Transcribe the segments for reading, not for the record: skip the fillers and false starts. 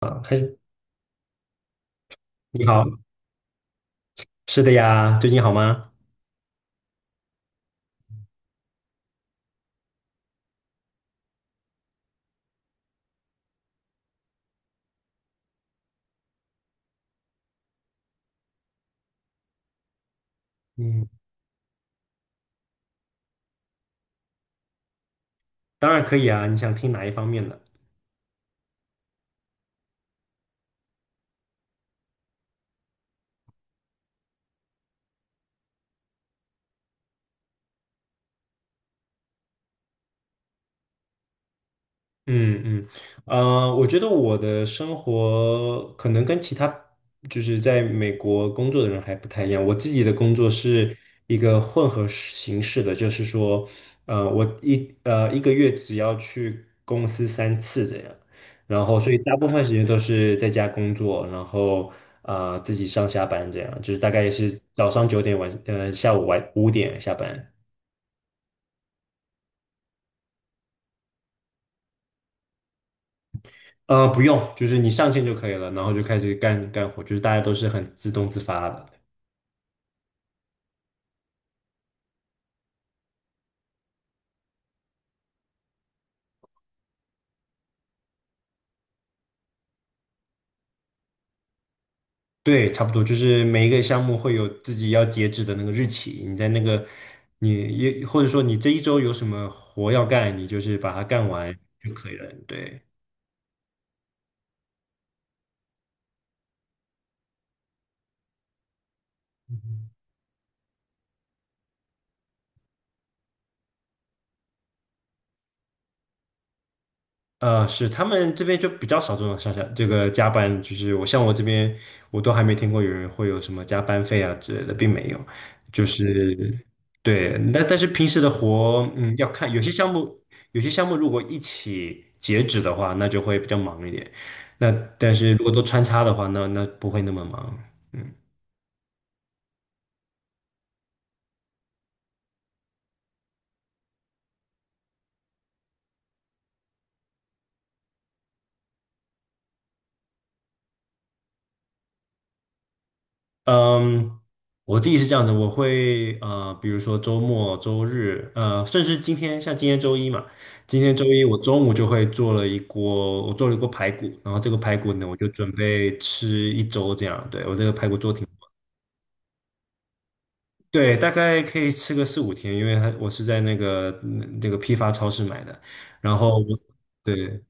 啊，开始，你好。是的呀，最近好吗？嗯，当然可以啊，你想听哪一方面的？嗯嗯。我觉得我的生活可能跟其他就是在美国工作的人还不太一样。我自己的工作是一个混合形式的，就是说，我一个月只要去公司三次这样，然后所以大部分时间都是在家工作，然后自己上下班这样，就是大概也是早上9点下午5点下班。不用，就是你上线就可以了，然后就开始干活，就是大家都是很自动自发的。对，差不多，就是每一个项目会有自己要截止的那个日期，你在那个你也或者说你这一周有什么活要干，你就是把它干完就可以了。对。是他们这边就比较少这种上下这个加班，就是像我这边，我都还没听过有人会有什么加班费啊之类的，并没有。就是对。但是平时的活，嗯，要看有些项目，有些项目如果一起截止的话，那就会比较忙一点。那但是如果都穿插的话，那不会那么忙。嗯，我自己是这样子，我会比如说周末、周日，甚至今天，像今天周一嘛，今天周一我中午就会做了一锅，我做了一锅排骨，然后这个排骨呢，我就准备吃一周这样。对，我这个排骨做挺，对，大概可以吃个四五天，因为它我是在那个那个批发超市买的，然后我对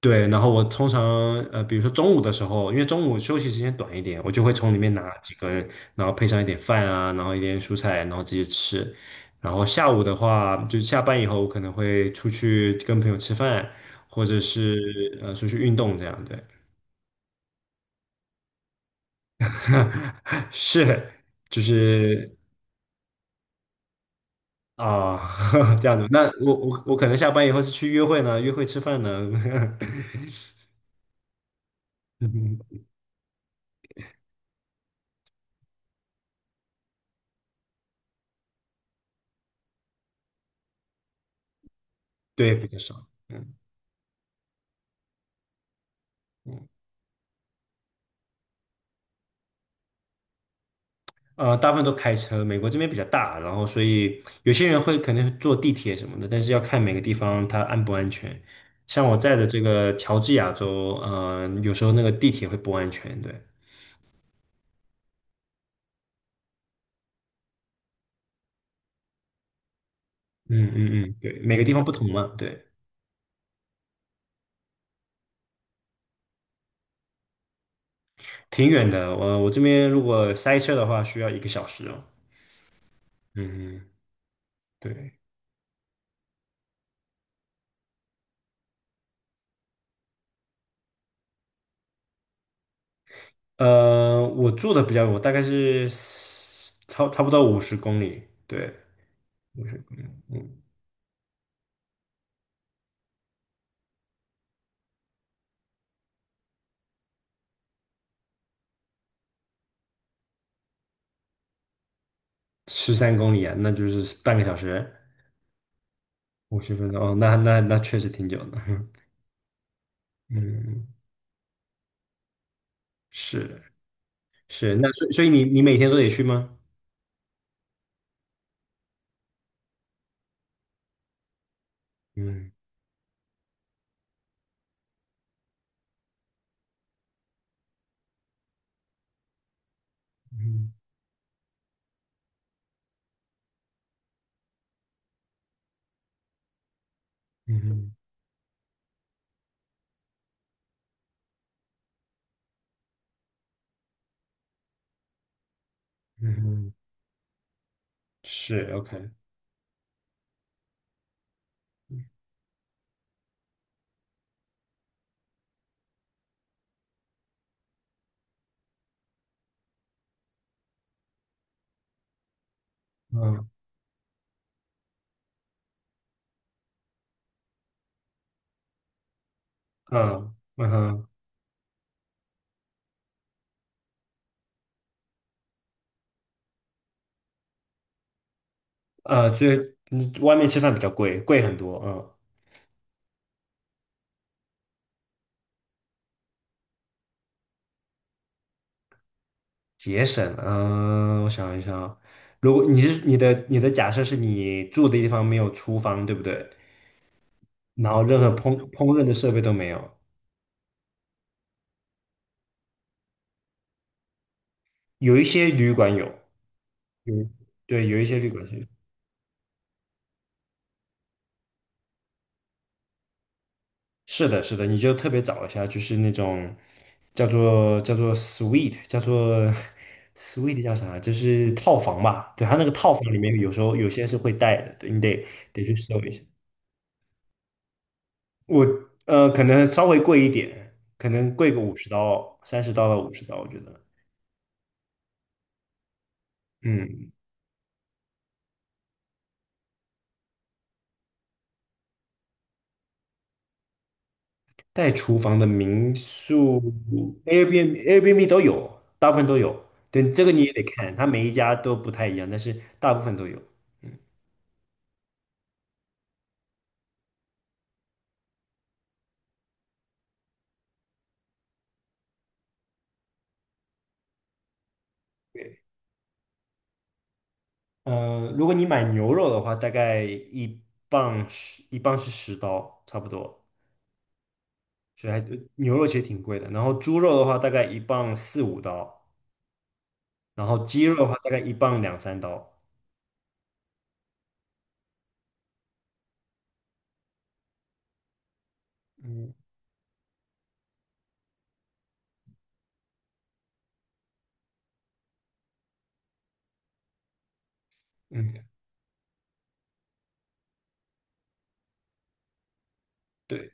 对，然后我通常比如说中午的时候，因为中午休息时间短一点，我就会从里面拿几根，然后配上一点饭啊，然后一点蔬菜，然后直接吃。然后下午的话，就下班以后，我可能会出去跟朋友吃饭，或者是出去运动这样。对。是，就是啊、这样子。那我可能下班以后是去约会呢，约会吃饭呢。对，比较少。嗯嗯。大部分都开车，美国这边比较大，然后所以有些人会可能坐地铁什么的，但是要看每个地方它安不安全。像我在的这个乔治亚州，有时候那个地铁会不安全。对。嗯嗯嗯，嗯，对，每个地方不同嘛。对，挺远的。我这边如果塞车的话，需要一个小时哦。嗯嗯，嗯，对。我住的比较远，我大概是差不多五十公里。对，五十公里。嗯。十三公里啊，那就是半个小时。50分钟哦，那那那确实挺久的。嗯，是。是。那所以所以你你每天都得去吗？嗯。嗯嗯哼。嗯哼。是。 OK。嗯嗯嗯哼。就是外面吃饭比较贵，贵很多。嗯，节省。嗯，我想一想啊，如果你是你的你的假设是你住的地方没有厨房，对不对？然后任何烹饪的设备都没有，有一些旅馆有。有，对，有一些旅馆是。是的，是的，你就特别找一下，就是那种叫做 s w e e t 叫做 s w e e t 叫啥？就是套房吧。对，它那个套房里面有时候有些是会带的。对，你得去搜一下。我可能稍微贵一点，可能贵个五十刀、30刀到五十刀，我觉得。嗯，带厨房的民宿。Airbnb 都有，大部分都有。对，这个你也得看，它每一家都不太一样，但是大部分都有。嗯。对。嗯，如果你买牛肉的话，大概一磅是十刀，差不多。所以还牛肉其实挺贵的。然后猪肉的话，大概一磅四五刀，然后鸡肉的话，大概一磅两三刀。嗯嗯，对，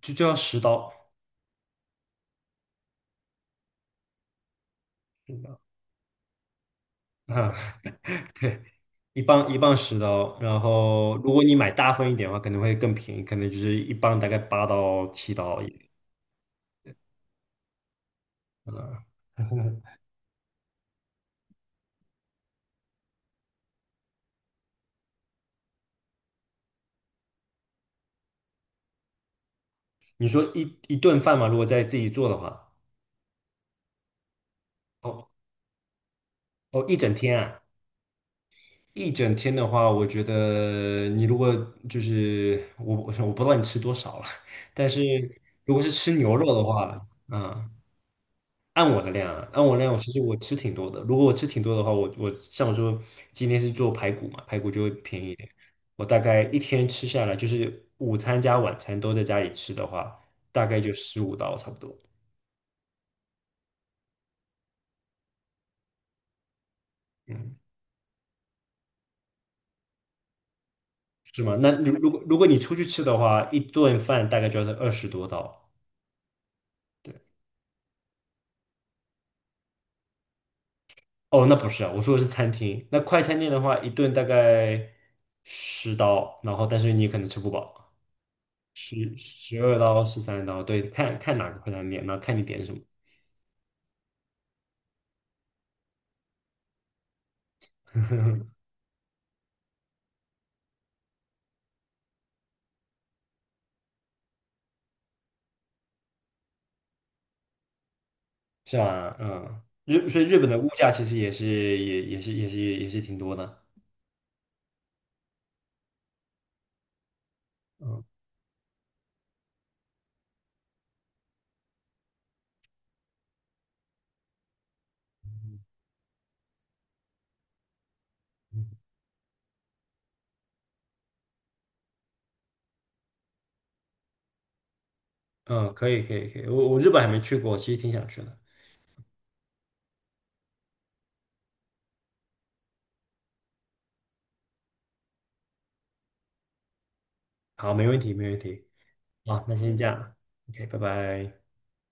就要十刀。是的啊。对，一磅十刀。然后如果你买大份一点的话，可能会更便宜，可能就是一磅大概8刀7刀一点。嗯。你说一顿饭嘛，如果在自己做的话。哦哦，一整天啊。一整天的话，我觉得你如果就是我，我不知道你吃多少了。但是如果是吃牛肉的话。嗯，按我的量啊，按我量，我其实我吃挺多的。如果我吃挺多的话，我像我说今天是做排骨嘛，排骨就会便宜一点。我大概一天吃下来，就是午餐加晚餐都在家里吃的话，大概就15刀差不多。嗯，是吗？那如果你出去吃的话，一顿饭大概就要是20多刀。哦，那不是啊，我说的是餐厅。那快餐店的话，一顿大概十刀，然后但是你可能吃不饱，十二刀、13刀，对，看看哪个快餐店，然后看你点什么。是吧？嗯，所以日本的物价其实也是挺多的。嗯嗯，可以可以可以，我我日本还没去过，其实挺想去的。好，没问题没问题。好，那先这样。OK，拜拜。